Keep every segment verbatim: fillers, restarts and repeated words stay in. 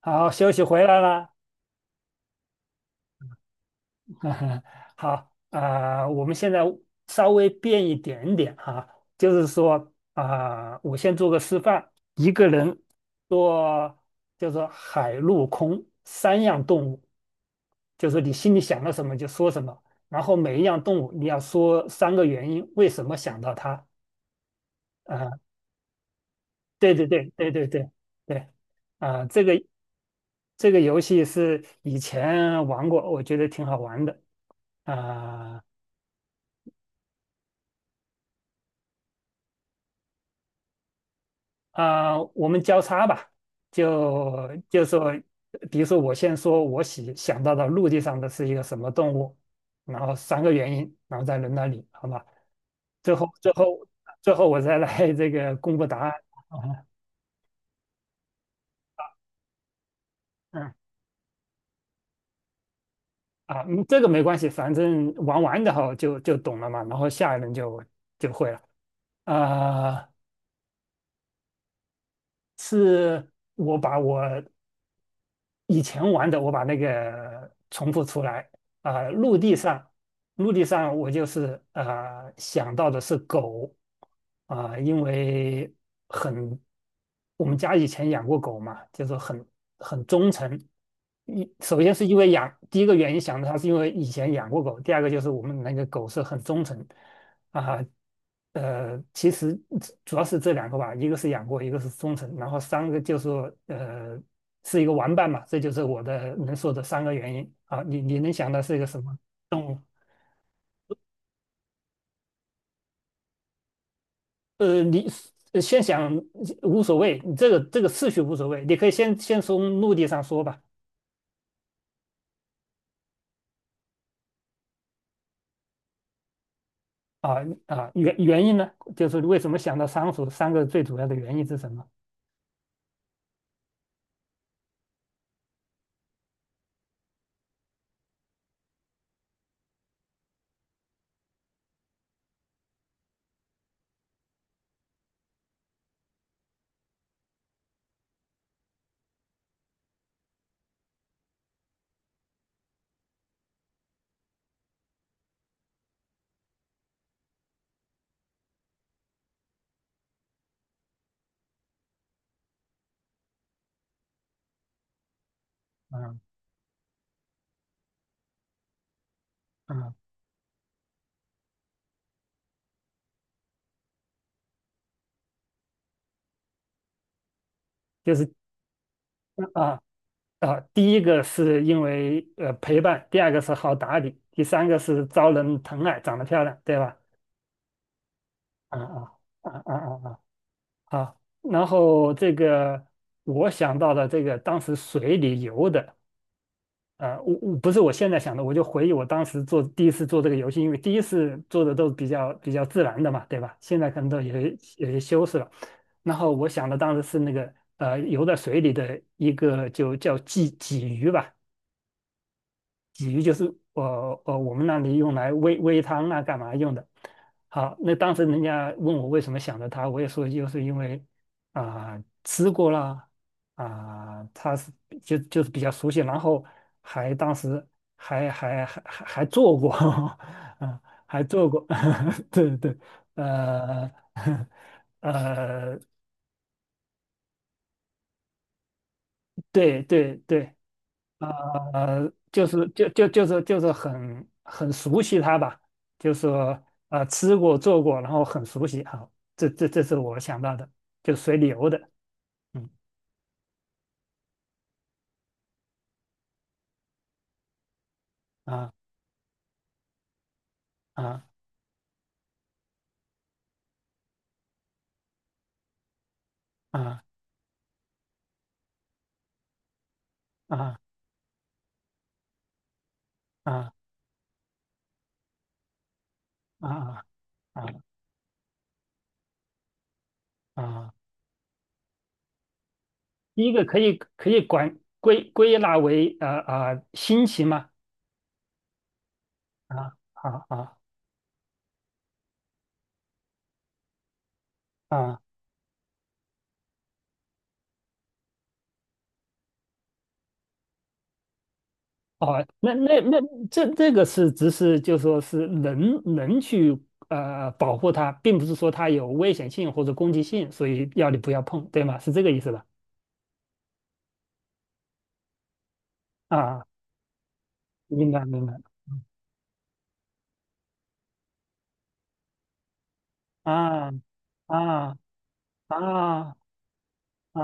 好，休息回来了。好，啊、我们现在稍微变一点点哈、就是说啊、我先做个示范，一个人做就是海陆空三样动物，就是你心里想到什么就说什么。然后每一样动物你要说三个原因，为什么想到它？啊、对对对对对对对，啊、这个这个游戏是以前玩过，我觉得挺好玩的。啊、啊、我们交叉吧，就就说，比如说我先说我喜想到的陆地上的是一个什么动物，然后三个原因，然后再轮到你，好吧？最后最后最后我再来这个公布答案 啊嗯啊，嗯这个没关系，反正玩完的哈，就就懂了嘛，然后下一轮就就会了。啊、是我把我以前玩的，我把那个重复出来。啊、陆地上，陆地上我就是呃想到的是狗。啊、因为很，我们家以前养过狗嘛，就是很很忠诚。一首先是因为养，第一个原因想到它是因为以前养过狗，第二个就是我们那个狗是很忠诚啊。呃，其实主要是这两个吧，一个是养过，一个是忠诚，然后三个就是说呃。是一个玩伴嘛，这就是我的能说的三个原因啊。你你能想到是一个什么？呃，你呃先想无所谓，你这个这个次序无所谓，你可以先先从目的上说吧。啊啊，原原因呢，就是为什么想到仓鼠三个最主要的原因是什么？嗯嗯，就是啊啊，第一个是因为呃陪伴，第二个是好打理，第三个是招人疼爱，长得漂亮，对吧？啊啊啊啊啊！啊啊，然后这个我想到了这个当时水里游的。呃，我我不是我现在想的，我就回忆我当时做第一次做这个游戏，因为第一次做的都比较比较自然的嘛，对吧？现在可能都有些有些修饰了。然后我想的当时是那个呃游在水里的一个就叫鲫鲫鱼吧，鲫鱼就是我呃我们那里用来煨煨汤啊干嘛用的。好，那当时人家问我为什么想着它，我也说就是因为啊、吃过啦，啊、它是就就是比较熟悉，然后还当时还还还还还做过。啊、还做过。对对，呃 呃，对对对。呃，就是就就就是就是很很熟悉它吧，就是呃吃过做过，然后很熟悉。好，这这这是我想到的，就随里游的。嗯啊啊啊啊啊啊啊啊，啊第一个可以可以管归归纳为呃呃新奇吗？啊啊啊啊。哦，那那那这这个是只是就说是能能去呃保护它，并不是说它有危险性或者攻击性，所以要你不要碰，对吗？是这个意思吧？啊，明白明白。啊啊啊啊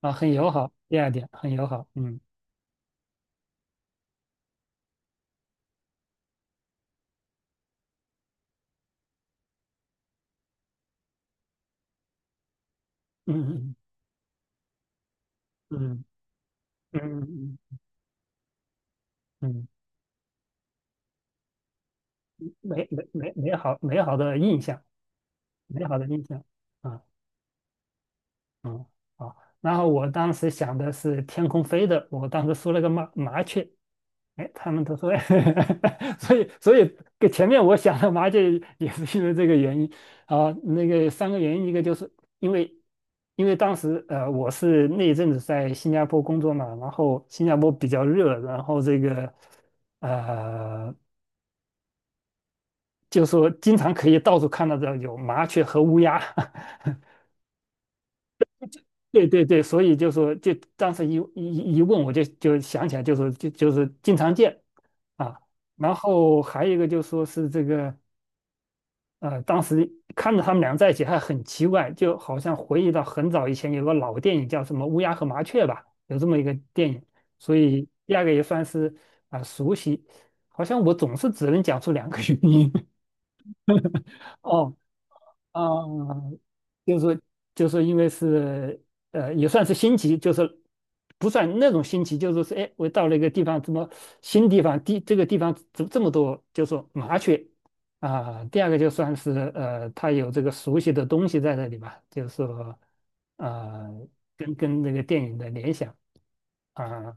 啊，很友好，第二点很友好。嗯嗯嗯嗯嗯嗯，嗯美美美美好美好的印象，美好的印象。啊嗯，好。然后我当时想的是天空飞的，我当时说了个麻麻雀，哎，他们都说。所以所以跟前面我想的麻雀也是因为这个原因。啊，那个三个原因，一个就是因为因为当时呃我是那一阵子在新加坡工作嘛，然后新加坡比较热，然后这个呃就说经常可以到处看到的有麻雀和乌鸦。对对对，所以就说，就当时一一一问，我就就想起来，就是就就是经常见啊。然后还有一个就说是这个。呃，当时看着他们俩在一起还很奇怪，就好像回忆到很早以前有个老电影叫什么《乌鸦和麻雀》吧，有这么一个电影。所以第二个也算是啊、熟悉，好像我总是只能讲出两个原因。哦，啊、就是就是因为是呃，也算是新奇，就是不算那种新奇，就是说是哎，我到了一个地方，怎么新地方，地这个地方怎么这么多，就是说麻雀。啊、第二个就算是呃，它有这个熟悉的东西在这里吧，就是说呃，跟跟那个电影的联想。啊、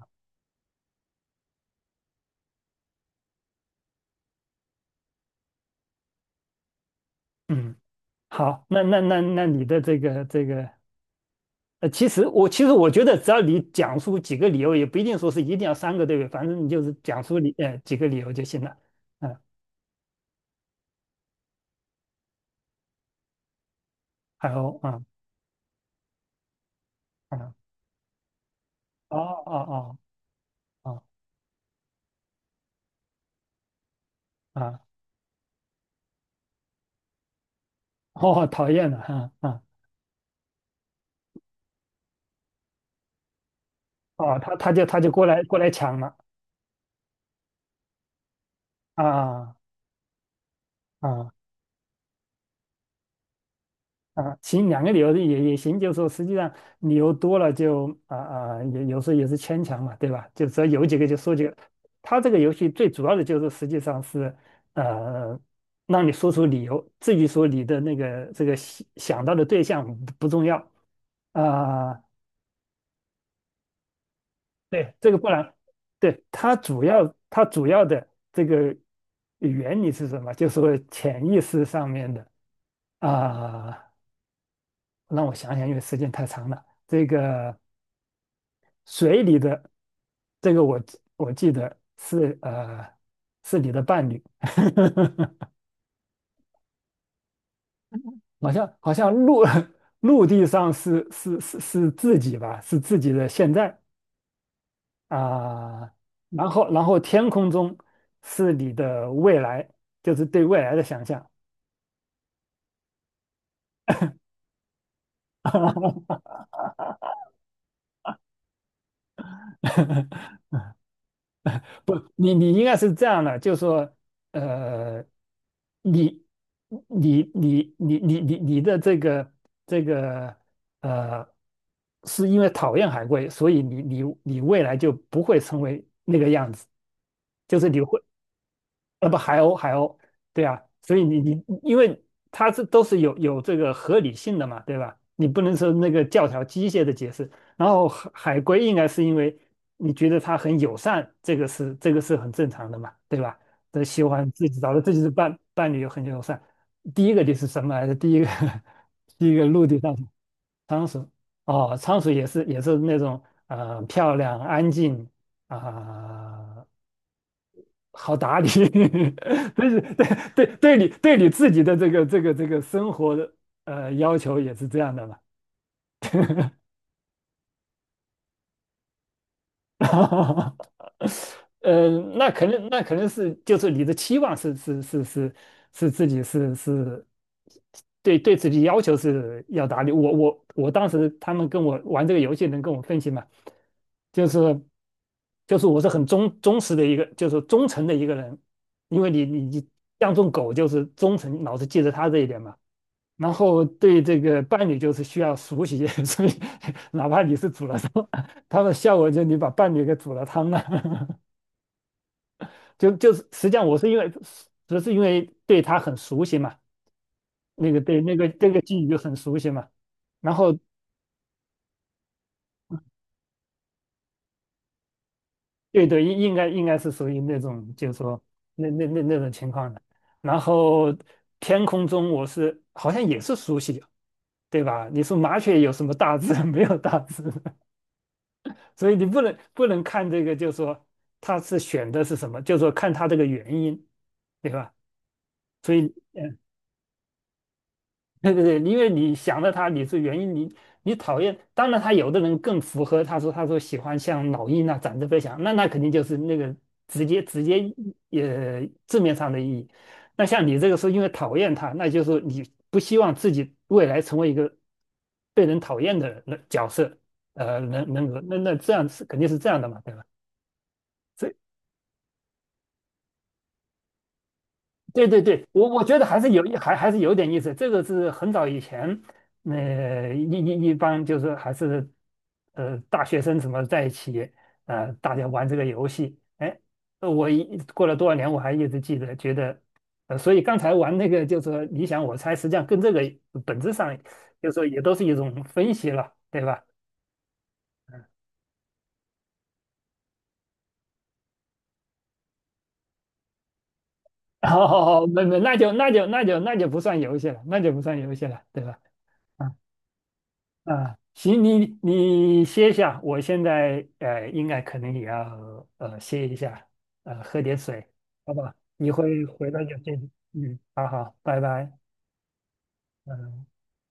嗯，好，那那那那你的这个这个呃，其实我其实我觉得，只要你讲出几个理由，也不一定说是一定要三个，对不对？反正你就是讲出理呃几个理由就行了。嗯，还有。嗯嗯，哦哦哦哦。啊，哦，讨厌了。嗯嗯，哦，他他就他就过来过来抢了。啊啊。啊，其实两个理由也也行，就是说实际上理由多了就啊啊、也有时候也是牵强嘛，对吧？就只要有几个就说几个。它这个游戏最主要的就是实际上是呃，让你说出理由，至于说你的那个这个想想到的对象不不重要。啊、对，这个不然。对，它主要它主要的这个原理是什么？就是说潜意识上面的。啊、让我想想，因为时间太长了，这个。水里的这个我记我记得是呃是你的伴侣。好像好像陆 陆地上是是是是自己吧，是自己的现在。啊，然后然后天空中是你的未来，就是对未来的想象。不，你你应该是这样的，就说呃，你你你你你你你的这个这个呃，是因为讨厌海龟，所以你你你未来就不会成为那个样子，就是你会。呃，不，海鸥，海鸥，对啊，所以你你，因为它是都是有有这个合理性的嘛，对吧？你不能说那个教条机械的解释。然后海海龟应该是因为你觉得它很友善，这个是这个是很正常的嘛，对吧？这喜欢自己找到自己的伴伴侣很友善。第一个就是什么来着？第一个 第一个陆地上的仓鼠。哦，仓鼠也是也是那种呃漂亮安静，啊、好打理，但是对对对你对你自己的这个这个这个生活的呃要求也是这样的嘛。哈哈。嗯，那可能那可能是就是你的期望是是是是是自己是是对对自己要求是要达到。我我我当时他们跟我玩这个游戏，能跟我分析嘛？就是就是我是很忠忠实的一个，就是忠诚的一个人，因为你你你像种狗就是忠诚，老是记着它这一点嘛。然后对这个伴侣就是需要熟悉。所以哪怕你是煮了汤，它的效果就是你把伴侣给煮了汤了。就就是实际上我是因为只是因为对他很熟悉嘛，那个对那个这个剧就很熟悉嘛。然后对对应应该应该是属于那种就是说那那那那种情况的。然后天空中我是好像也是熟悉，对吧？你说麻雀有什么大志？没有大志。所以你不能不能看这个，就是说他是选的是什么，就是说看他这个原因，对吧？所以，嗯。对对对，因为你想了他，你是原因，你你讨厌。当然，他有的人更符合他说他说喜欢像老鹰啊、展翅飞翔，那那肯定就是那个直接直接也字面上的意义。那像你这个是因为讨厌他，那就是你不希望自己未来成为一个被人讨厌的人角色。呃，人人格，那那这样是肯定是这样的嘛，对吧？所以。对对对，我我觉得还是有一还还是有点意思。这个是很早以前，呃，一一一般就是还是，呃，大学生什么在一起，呃，大家玩这个游戏。哎，呃我一过了多少年，我还一直记得，觉得。呃，所以刚才玩那个就是说你想我猜，实际上跟这个本质上，就是说也都是一种分析了，对吧？哦，没没，那就那就那就那就不算游戏了，那就不算游戏了，对吧？啊啊，行，你你歇一下，我现在呃应该可能也要呃歇一下，呃喝点水，好吧？你会回到有兴趣嗯，好好，拜拜。嗯。